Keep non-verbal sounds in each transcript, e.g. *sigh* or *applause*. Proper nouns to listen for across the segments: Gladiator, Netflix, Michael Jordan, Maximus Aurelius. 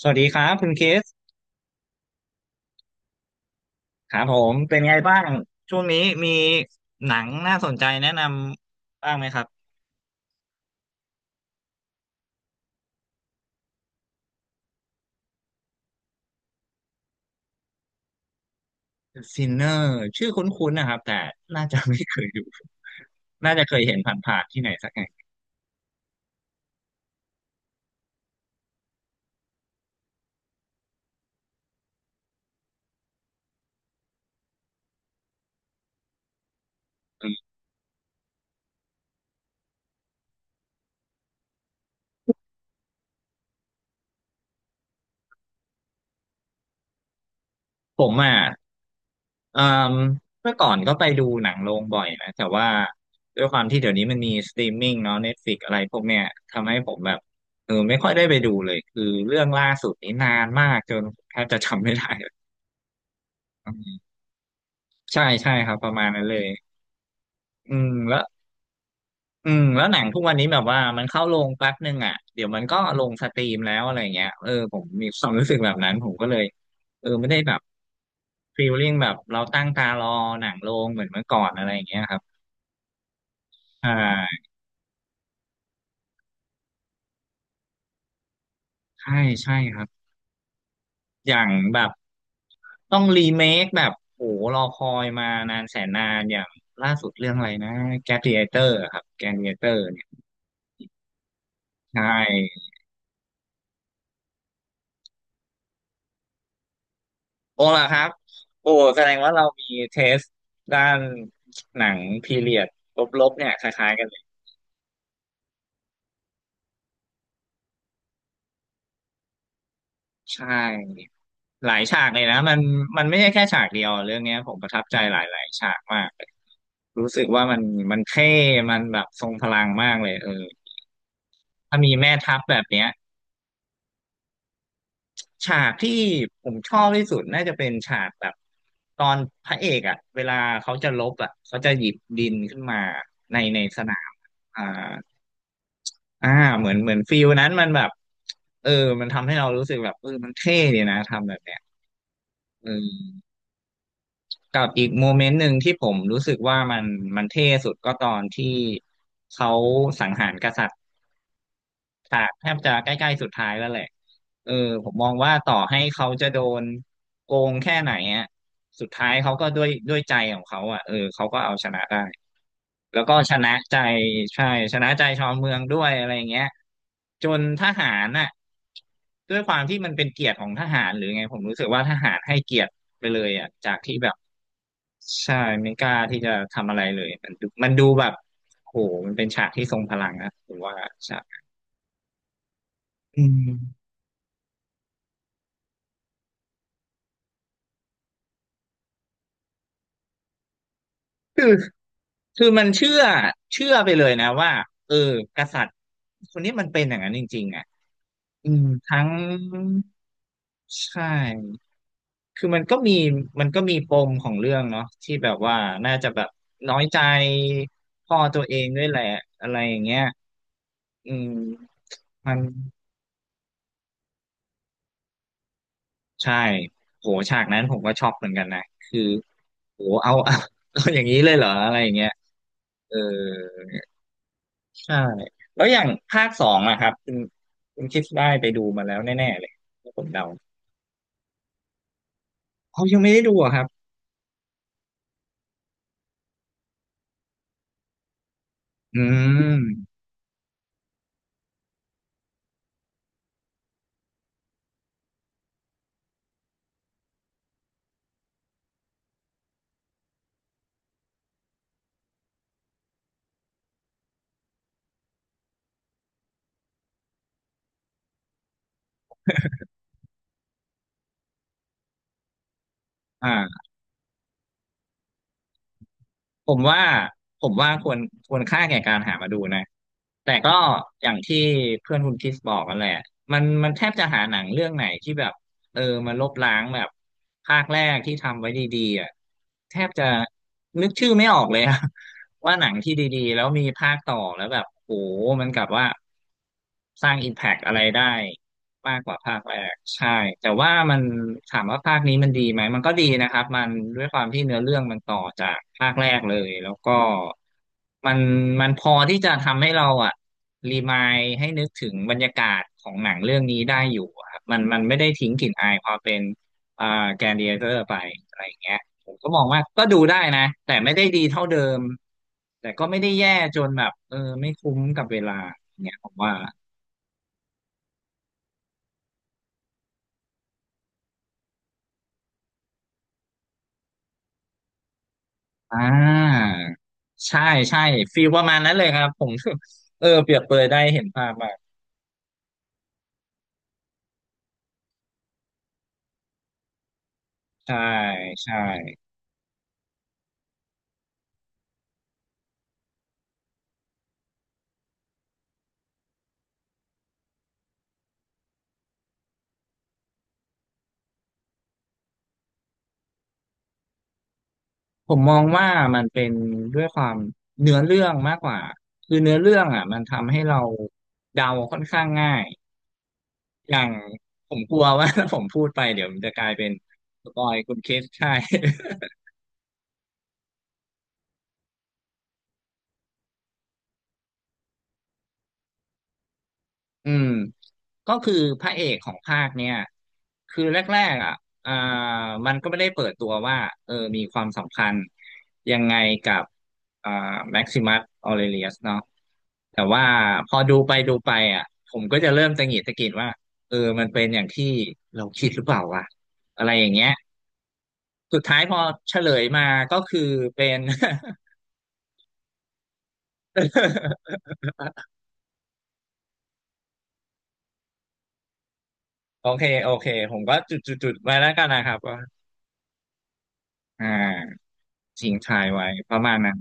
สวัสดีครับคุณคริสครับผมเป็นไงบ้าง ช่วงนี้มีหนังน่าสนใจแนะนำบ้างไหมครับซ i n เนอร์ชื่อคุ้นๆนะครับแต่น่าจะไม่เคยดู *laughs* น่าจะเคยเห็นผ่านๆที่ไหนสักแห่งอืมผมอ่ะเอ่มเมื่อก่อนก็ไปดูหนังโรงบ่อยนะแต่ว่าด้วยความที่เดี๋ยวนี้มันมีสตรีมมิ่งเนาะ Netflix อะไรพวกเนี้ยทำให้ผมแบบเออไม่ค่อยได้ไปดูเลยคือเรื่องล่าสุดนี้นานมากจนแทบจะจำไม่ได้ใช่ใช่ครับประมาณนั้นเลย อืมแล้วหนังทุกวันนี้แบบว่ามันเข้าโรงแป๊บนึงอ่ะเดี๋ยวมันก็ลงสตรีมแล้วอะไรเงี้ยเออผมมีความรู้สึกแบบนั้นผมก็เลยเออไม่ได้แบบฟีลลิ่งแบบเราตั้งตารอหนังโรงเหมือนเมื่อก่อนอะไรอย่างเงี้ยครับอ่าใช่ใช่ครับอย่างแบบต้องรีเมคแบบโหรอคอยมานานแสนนานอย่างล่าสุดเรื่องอะไรนะแก a d i a t เตอร์ครับ g l a d เ a เตอร์เนี่ยใช่ โอ้ล่ะครับโอ้แสดงว่าเรามีเทสด้านหนังพีเรียดลบๆเนี่ยคล้ายๆกันเลยใช่หลายฉากเลยนะมันมันไม่ใช่แค่ฉากเดียวเรื่องเนี้ยผมประทับใจหลายๆฉากมากรู้สึกว่ามันมันเท่มันแบบทรงพลังมากเลยเออถ้ามีแม่ทัพแบบเนี้ยฉากที่ผมชอบที่สุดน่าจะเป็นฉากแบบตอนพระเอกอ่ะเวลาเขาจะลบอ่ะเขาจะหยิบดินขึ้นมาในสนามอ่า อ่าเหมือนฟิลนั้นมันแบบเออมันทำให้เรารู้สึกแบบเออมันเท่ดีนะทำแบบเนี้ยเออกับอีกโมเมนต์หนึ่งที่ผมรู้สึกว่ามันมันเท่สุดก็ตอนที่เขาสังหารกษัตริย์ ฉากแทบจะใกล้ๆสุดท้ายแล้วแหละเออผมมองว่าต่อให้เขาจะโดนโกงแค่ไหนอ่ะสุดท้ายเขาก็ด้วยใจของเขาอ่ะเออเขาก็เอาชนะได้แล้วก็ชนะใจใช่ชนะใจชาวเมืองด้วยอะไรอย่างเงี้ยจนทหารน่ะด้วยความที่มันเป็นเกียรติของทหารหรือไงผมรู้สึกว่าทหารให้เกียรติไปเลยอ่ะจากที่แบบใช่ไม่กล้าที่จะทำอะไรเลยมันดูแบบโหมันเป็นฉากที่ทรงพลังนะผมว่าฉากอืม คือมันเชื่อไปเลยนะว่าเออกษัตริย์คนนี้มันเป็นอย่างนั้นจริงๆอ่ะอืมทั้งใช่คือมันก็มีปมของเรื่องเนาะที่แบบว่าน่าจะแบบน้อยใจพ่อตัวเองด้วยแหละอะไรอย่างเงี้ยอืมมันใช่โหฉากนั้นผมก็ช็อกเหมือนกันนะคือโหเอาอย่างนี้เลยเหรออะไรอย่างเงี้ยเออ ใช่แล้วอย่างภาคสองอะครับคุณคิดได้ไปดูมาแล้วแน่ๆเลยผมเดาเขายังไม่ได้ดูอะครับอืมอ่า ผมว่าควรค่าแก่การหามาดูนะแต่ก็อย่างที่เพื่อนคุณคริสบอกกันแหละมันมันแทบจะหาหนังเรื่องไหนที่แบบเออมันลบล้างแบบภาคแรกที่ทำไว้ดีๆอ่ะแทบจะนึกชื่อไม่ออกเลยอะ *laughs* ว่าหนังที่ดีๆแล้วมีภาคต่อแล้วแบบโอ้โหมันกลับว่าสร้างอิมแพกอะไรได้ มากกว่าภาคแรกใช่แต่ว่ามันถามว่าภาคนี้มันดีไหมมันก็ดีนะครับมันด้วยความที่เนื้อเรื่องมันต่อจากภาคแรกเลยแล้วก็มันพอที่จะทำให้เราอะรีมายให้นึกถึงบรรยากาศของหนังเรื่องนี้ได้อยู่อะครับมันไม่ได้ทิ้งกลิ่นอายความเป็นอ่าแกนดิเอเตอร์ไปอะไรอย่างเงี้ยผมก็มองว่าก็ดูได้นะแต่ไม่ได้ดีเท่าเดิมแต่ก็ไม่ได้แย่จนแบบเออไม่คุ้มกับเวลาอย่างเงี้ยผมว่า อ่าใช่ใช่ฟีลประมาณนั้นเลยครับผม *laughs* เออเปรียบเปรยได้เห็นภาพมากใช่ใช่ผมมองว่ามันเป็นด้วยความเนื้อเรื่องมากกว่าคือเนื้อเรื่องอ่ะมันทำให้เราเดาค่อนข้างง่ายอย่างผมกลัวว่า *laughs* ถ้าผมพูดไปเดี๋ยวมันจะกลายเป็นสปอยคุณเคสใช่ อืมก็คือพระเอกของภาคเนี่ยคือแรกๆอ่ะอ่ามันก็ไม่ได้เปิดตัวว่าเออมีความสัมพันธ์ยังไงกับอ่าแม็กซิมัสออเรเลียสเนาะแต่ว่าพอดูไปดูไปอ่ะผมก็จะเริ่มตะหงิดตะกิดว่าเออมันเป็นอย่างที่เราคิดหรือเปล่าวะอะไรอย่างเงี้ยสุดท้ายพอเฉลยมาก็คือเป็น *laughs* โอเคผมก็จุดจุดจุดไว้แล้วกันนะครับว่าอ่าทิ้งทายไว้ประมาณนั้น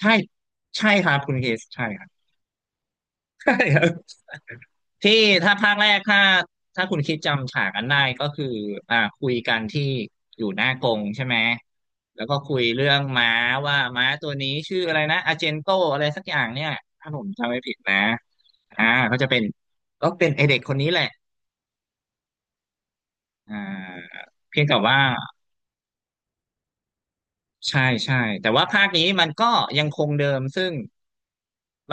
ใช่ใช่ครับคุณคริสใช่ครับ *laughs* ใช่ครับที่ถ้าภาคแรกถ้าคุณคิดจำฉากกันได้ก็คือคุยกันที่อยู่หน้ากรงใช่ไหมแล้วก็คุยเรื่องม้าว่าม้าตัวนี้ชื่ออะไรนะอาเจนโตอะไรสักอย่างเนี่ยถ้าผมจำไม่ผิดนะอ่าก็จะเป็นก็เป็นไอเด็กคนนี้แหละอ่าเพียงแต่ว่า ใช่ใช่แต่ว่าภาคนี้มันก็ยังคงเดิมซึ่ง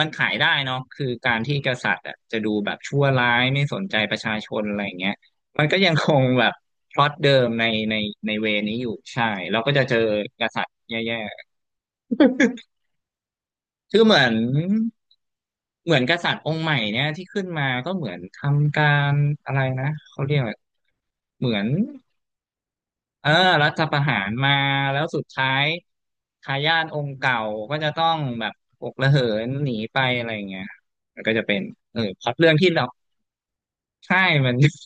มันขายได้เนาะคือการที่กษัตริย์อะจะดูแบบชั่วร้ายไม่สนใจประชาชนอะไรอย่างเงี้ยมันก็ยังคงแบบพล็อตเดิมในในเวนี้อยู่ใช่เราก็จะเจอกษัตริย์แย่ๆคือเหมือนกษัตริย์องค์ใหม่เนี่ยที่ขึ้นมาก็เหมือนทำการอะไรนะเขาเรียกอะไรเหมือน เออรัฐประหารมาแล้วสุดท้ายทายาทองค์เก่าก็จะต้องแบบอกระเหินหนีไปอะไรอย่างเงี้ยมันก็จะเป็นเออพล็อตเรื่องที่เราใช่มัน *laughs*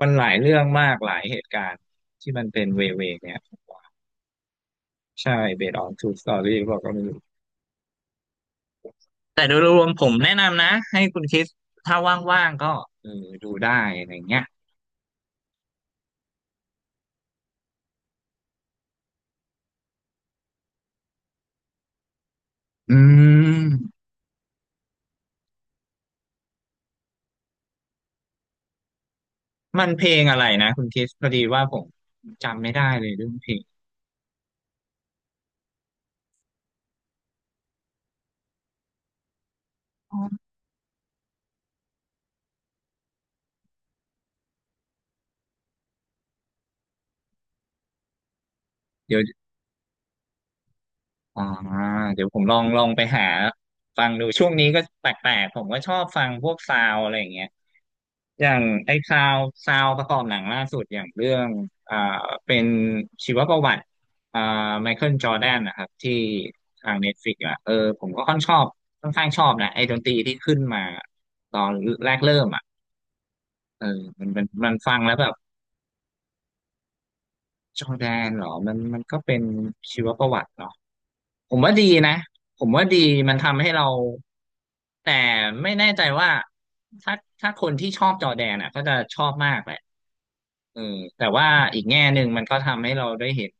มันหลายเรื่องมากหลายเหตุการณ์ที่มันเป็นเวเนี่ยใช่ based on true story หรือเก็ไม่รู้แต่โดยรวมผมแนะนำนะให้คุณคริสถ้าว่างๆก็เออดูได้อะไรเงี้ยอืมมันเพลงอะไรนะคุณคริสพอดีว่าผมจำไม่ได้เลยเรื่องเพลงเดี๋ยว อ่าเดี๋ยวผมลองไปหาฟังดูช่วงนี้ก็แปลกๆผมก็ชอบฟังพวกซาวอะไรอย่างเงี้ยอย่างไอ้ซาวซาวประกอบหนังล่าสุดอย่างเรื่องอ่าเป็นชีวประวัติอ่าไมเคิลจอร์แดนนะครับที่ทางเน็ตฟลิกอ่ะเออผมก็ค่อนชอบค่อนข้างชอบนะไอ้ดนตรีที่ขึ้นมาตอนแรกเริ่มอ่ะเออมันฟังแล้วแบบ จอร์แดนเหรอมันก็เป็นชีวประวัติเนาะผมว่าดีนะผมว่าดีมันทำให้เราแต่ไม่แน่ใจว่าถ้าถ้าคนที่ชอบจอร์แดนอ่ะก็จะชอบมากแหละ เออแต่ว่าอีกแง่หนึ่งมันก็ทำให้เราได้เห็น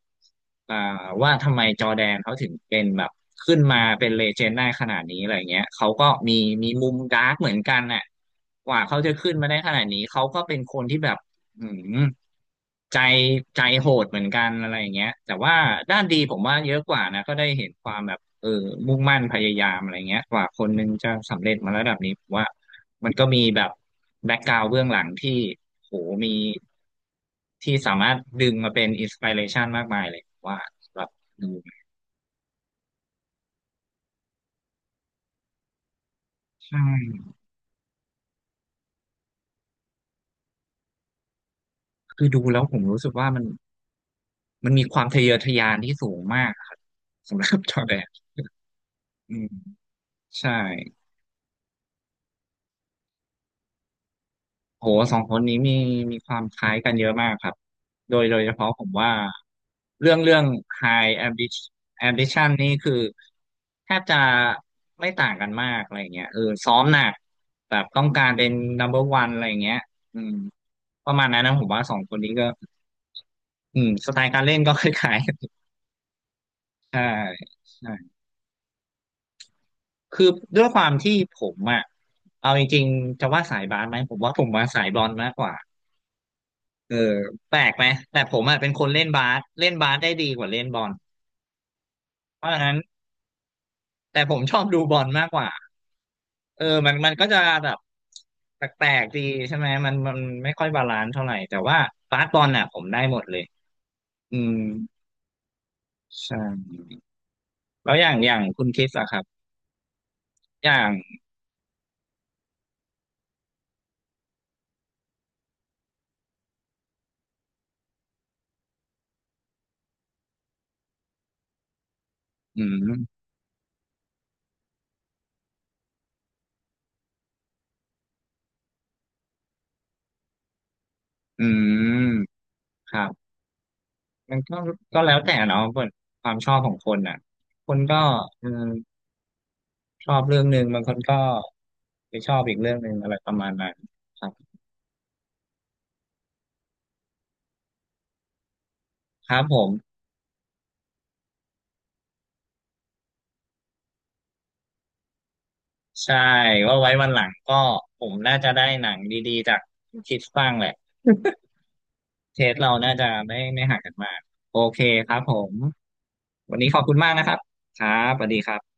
อ่าว่าทำไมจอร์แดนเขาถึงเป็นแบบขึ้นมาเป็นเลเจนด์ได้ขนาดนี้อะไรเงี้ยเขาก็มีมุมดาร์กเหมือนกันน่ะกว่าเขาจะขึ้นมาได้ขนาดนี้เขาก็เป็นคนที่แบบอืมใจใจโหดเหมือนกันอะไรอย่างเงี้ยแต่ว่าด้านดีผมว่าเยอะกว่านะก็ได้เห็นความแบบ เออมุ่งมั่นพยายามอะไรเงี้ยกว่าคนหนึงจะสำเร็จมาระดับนี้ผมว่ามันก็มีแบบแบ็กกราวด์เบื้องหลังที่โหมีที่สามารถดึงมาเป็นอินสปิเรชันมากมายเลยผมว่าสำหรับดูใช่คือดูแล้วผมรู้สึกว่ามันมีความทะเยอทะยานที่สูงมากครับสำหรับจอร์แดนอืมใช่ โหสองคนนี้มีความคล้ายกันเยอะมากครับโดยเฉพาะผมว่าเรื่อง High Ambition Ambition นี่คือแทบจะไม่ต่างกันมากอะไรเงี้ยเออซ้อมหนักแบบต้องการเป็น number one อร์วันอะไรเงี้ยอืมประมาณนั้นนะผมว่าสองคนนี้ก็อืมสไตล์การเล่นก็คล้ายๆ *laughs* ใช่ใช่คือด้วยความที่ผมอ่ะเอาจริงๆจะว่าสายบาสไหมผมว่าผมมาสายบอลมากกว่า เออแปลกไหมแต่ผมอ่ะเป็นคนเล่นบาสเล่นบาสได้ดีกว่าเล่นบอลเพราะฉะนั้นแต่ผมชอบดูบอลมากกว่าเออมันก็จะแบบแปลกๆดีใช่ไหมมันไม่ค่อยบาลานซ์เท่าไหร่แต่ว่าบาสบอลอ่ะผมได้หมดเลยอืมใช่แล้วอย่างคุณคิดอะครับอย่างอืมอืมครับมันก็แล้วแต่เนาะเปิดความชอบของคนอ่ะคนก็เออชอบเรื่องหนึ่งบางคนก็ไปชอบอีกเรื่องหนึ่งอะไรประมาณนั้นครับ ครับผมใช่ว่าไว้วันหลังก็ผมน่าจะได้หนังดีๆจากคิดฟังแหละเทสเราน่าจะไม่ห่างกันมากโอเคครับผมวันนี้ขอบคุณมากนะครับครับสวัสดีครับ